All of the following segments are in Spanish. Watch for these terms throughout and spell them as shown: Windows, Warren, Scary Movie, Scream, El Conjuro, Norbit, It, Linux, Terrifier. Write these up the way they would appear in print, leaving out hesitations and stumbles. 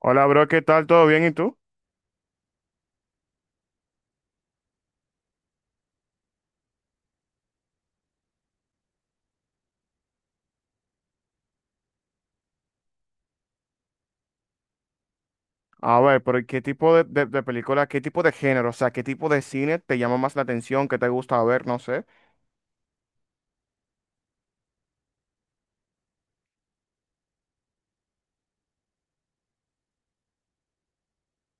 Hola, bro, ¿qué tal? ¿Todo bien? ¿Y tú? A ver, pero ¿qué tipo de película, qué tipo de género, o sea, qué tipo de cine te llama más la atención, qué te gusta ver, no sé?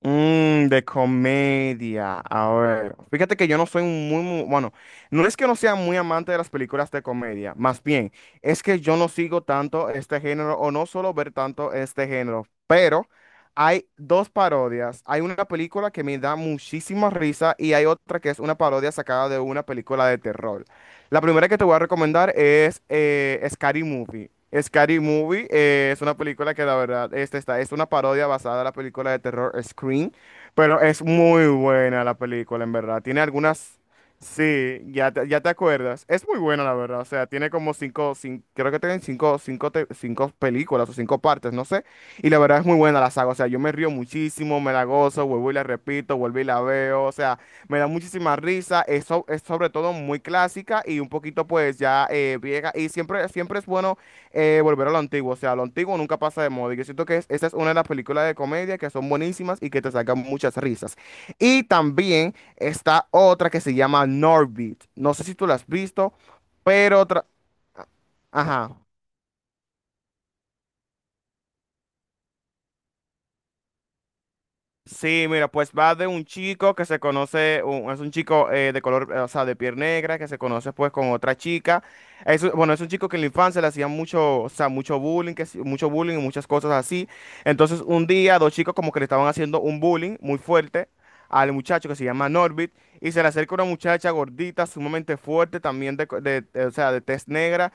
Mmm, de comedia. A ver, fíjate que yo no soy un muy, muy, bueno, no es que no sea muy amante de las películas de comedia, más bien, es que yo no sigo tanto este género o no suelo ver tanto este género, pero hay dos parodias. Hay una película que me da muchísima risa y hay otra que es una parodia sacada de una película de terror. La primera que te voy a recomendar es Scary Movie. Scary Movie es una película que la verdad este está, es una parodia basada en la película de terror Scream, pero es muy buena la película en verdad. Tiene algunas, sí, ya te acuerdas. Es muy buena la verdad, o sea, tiene como cinco, creo que tienen cinco películas o cinco partes, no sé. Y la verdad es muy buena la saga, o sea, yo me río muchísimo, me la gozo, vuelvo y la repito, vuelvo y la veo, o sea. Me da muchísima risa, es sobre todo muy clásica y un poquito pues ya vieja y siempre, siempre es bueno volver a lo antiguo, o sea, lo antiguo nunca pasa de moda y yo siento que esa es una de las películas de comedia que son buenísimas y que te sacan muchas risas. Y también está otra que se llama Norbit, no sé si tú la has visto, pero Ajá. Sí, mira, pues va de un chico que se conoce, es un chico de color, o sea, de piel negra, que se conoce pues con otra chica. Es, bueno, es un chico que en la infancia le hacían mucho, o sea, mucho bullying, mucho bullying y muchas cosas así. Entonces un día dos chicos como que le estaban haciendo un bullying muy fuerte al muchacho que se llama Norbit y se le acerca una muchacha gordita, sumamente fuerte, también de, co- de- o sea, de tez negra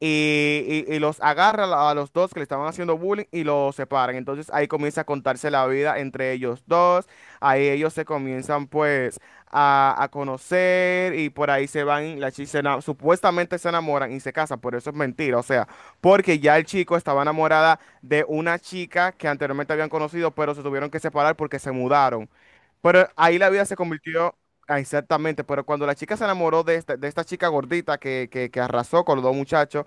y, y los agarra a los dos que le estaban haciendo bullying y los separan. Entonces ahí comienza a contarse la vida entre ellos dos, ahí ellos se comienzan pues a conocer y por ahí se van, la chica supuestamente se enamoran y se casan, pero eso es mentira, o sea, porque ya el chico estaba enamorada de una chica que anteriormente habían conocido, pero se tuvieron que separar porque se mudaron. Pero ahí la vida se convirtió, ah, exactamente, pero cuando la chica se enamoró de esta chica gordita que arrasó con los dos muchachos.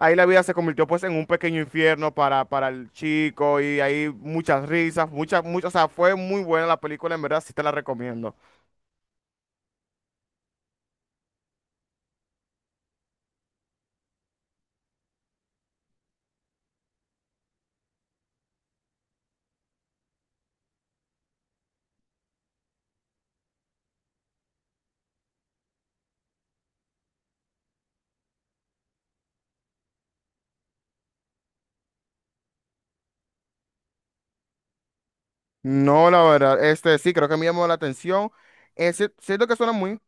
Ahí la vida se convirtió pues en un pequeño infierno para el chico y hay muchas risas, muchas, muchas, o sea, fue muy buena la película, en verdad sí te la recomiendo. No, la verdad, este sí, creo que me llamó la atención. Siento que suena muy,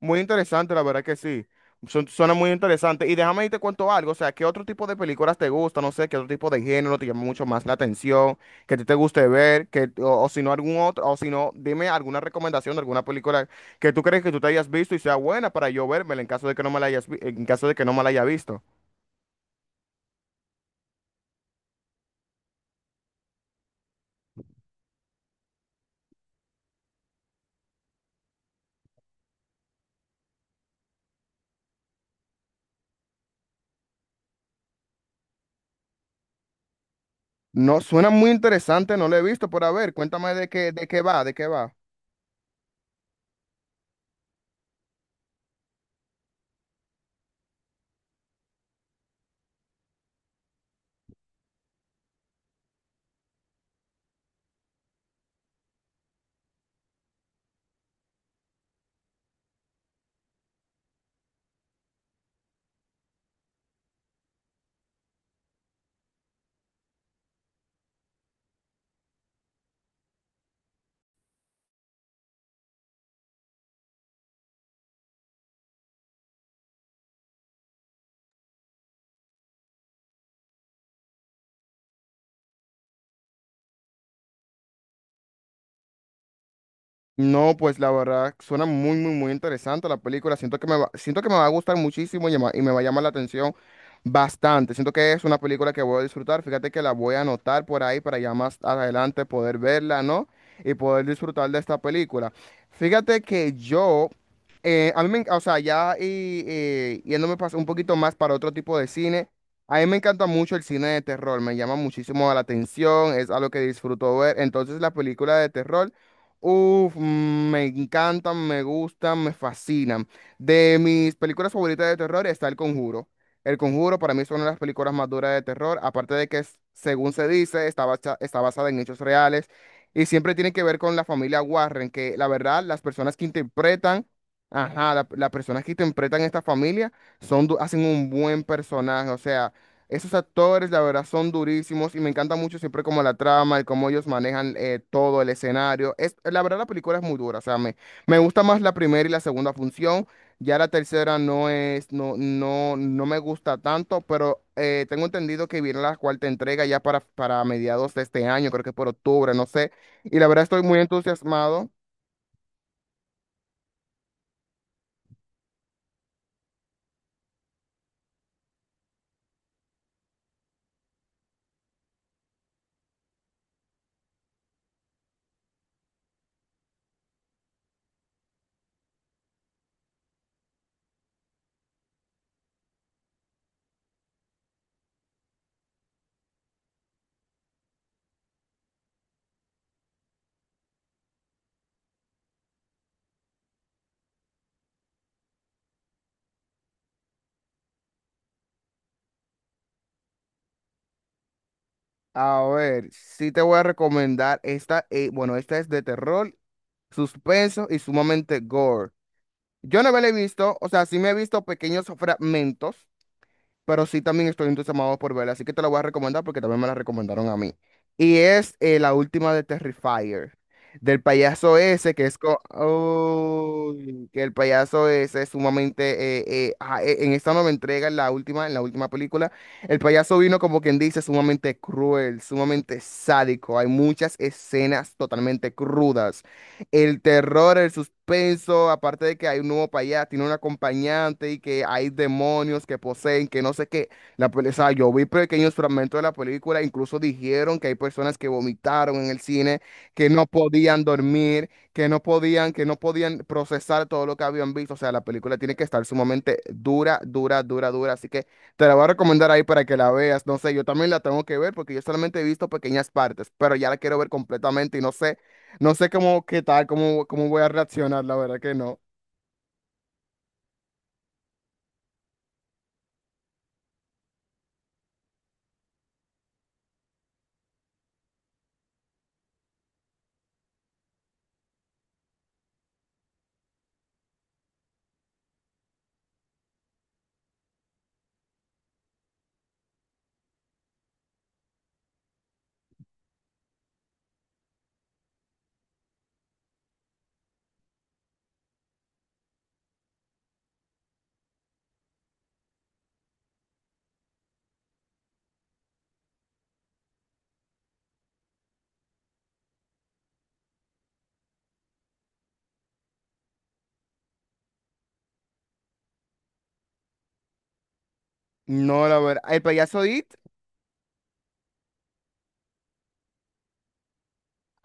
muy interesante, la verdad que sí. Suena muy interesante. Y déjame y te cuento algo, o sea, ¿qué otro tipo de películas te gusta? No sé, ¿qué otro tipo de género te llama mucho más la atención? Que a ti te guste ver, o si no algún otro, o si no, dime alguna recomendación de alguna película que tú crees que tú te hayas visto y sea buena para yo vérmela en caso de que no me en caso de que no me la haya visto. No, suena muy interesante, no lo he visto, pero a ver, cuéntame de qué va, de qué va. No, pues la verdad suena muy, muy, muy interesante la película. Siento que siento que me va a gustar muchísimo y, y me va a llamar la atención bastante. Siento que es una película que voy a disfrutar. Fíjate que la voy a anotar por ahí para ya más adelante poder verla, ¿no? Y poder disfrutar de esta película. Fíjate que yo, a mí me, en- o sea, un poquito más para otro tipo de cine. A mí me encanta mucho el cine de terror, me llama muchísimo la atención, es algo que disfruto ver. Entonces la película de terror. Uf, mm, me encantan, me gustan, me fascinan. De mis películas favoritas de terror está El Conjuro. El Conjuro para mí es una de las películas más duras de terror, aparte de que, según se dice, está basada en hechos reales y siempre tiene que ver con la familia Warren, que la verdad, las personas que interpretan, ajá, las personas que interpretan esta familia hacen un buen personaje, o sea. Esos actores, la verdad, son durísimos y me encanta mucho siempre como la trama, el cómo ellos manejan todo el escenario. Es, la verdad, la película es muy dura, o sea, me gusta más la primera y la segunda función. Ya la tercera no, no, no me gusta tanto, pero tengo entendido que viene la cuarta entrega ya para mediados de este año, creo que por octubre, no sé. Y la verdad estoy muy entusiasmado. A ver, sí te voy a recomendar esta, bueno, esta es de terror, suspenso y sumamente gore. Yo no me la he visto, o sea, sí me he visto pequeños fragmentos, pero sí también estoy entusiasmado por verla, así que te la voy a recomendar porque también me la recomendaron a mí. Y es la última de Terrifier, del payaso ese Uy, que el payaso ese es sumamente, en esta nueva entrega, en la última película, el payaso vino como quien dice sumamente cruel, sumamente sádico, hay muchas escenas totalmente crudas. El terror, el suspenso, aparte de que hay un nuevo payaso, tiene un acompañante y que hay demonios que poseen, que no sé qué. O sea, yo vi pequeños fragmentos de la película, incluso dijeron que hay personas que vomitaron en el cine, que no podían dormir, que no podían procesar todo lo que habían visto. O sea, la película tiene que estar sumamente dura, dura, dura, dura. Así que te la voy a recomendar ahí para que la veas. No sé, yo también la tengo que ver porque yo solamente he visto pequeñas partes, pero ya la quiero ver completamente y no sé. No sé cómo, qué tal, cómo voy a reaccionar, la verdad que no. No, la verdad. El payaso It.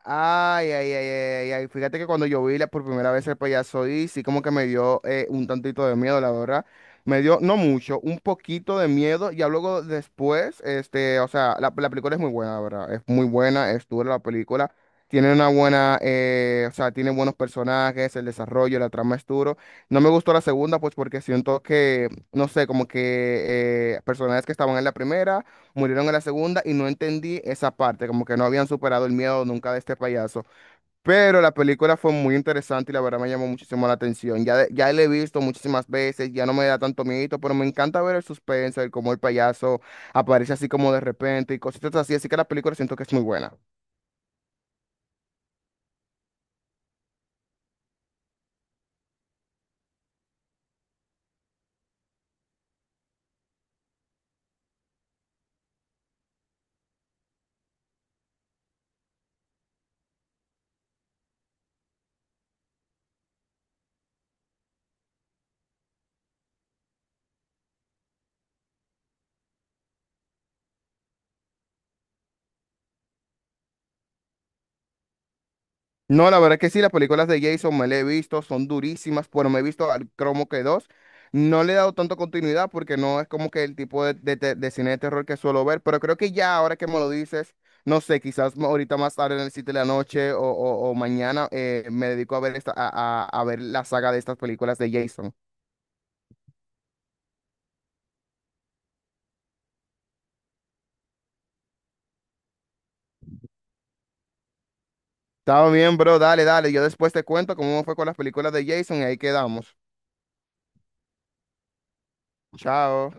Ay, ay, ay, ay, ay. Fíjate que cuando yo vi por primera vez el payaso y sí como que me dio un tantito de miedo, la verdad. Me dio, no mucho, un poquito de miedo. Ya luego después, este, o sea, la película es muy buena, la verdad. Es muy buena, es dura la película. Tiene una buena, o sea, tiene buenos personajes, el desarrollo, la trama es duro. No me gustó la segunda, pues porque siento que, no sé, como que personajes que estaban en la primera murieron en la segunda y no entendí esa parte, como que no habían superado el miedo nunca de este payaso. Pero la película fue muy interesante y la verdad me llamó muchísimo la atención. Ya la he visto muchísimas veces, ya no me da tanto miedo, pero me encanta ver el suspenso, el cómo el payaso aparece así como de repente y cositas así. Así que la película siento que es muy buena. No, la verdad que sí, las películas de Jason me las he visto, son durísimas, pero me he visto al cromo que dos. No le he dado tanto continuidad porque no es como que el tipo de cine de terror que suelo ver, pero creo que ya ahora que me lo dices, no sé, quizás ahorita más tarde en el sitio de la noche o, o mañana me dedico a ver, a ver la saga de estas películas de Jason. Está bien, bro, dale, dale, yo después te cuento cómo me fue con las películas de Jason y ahí quedamos. Chao.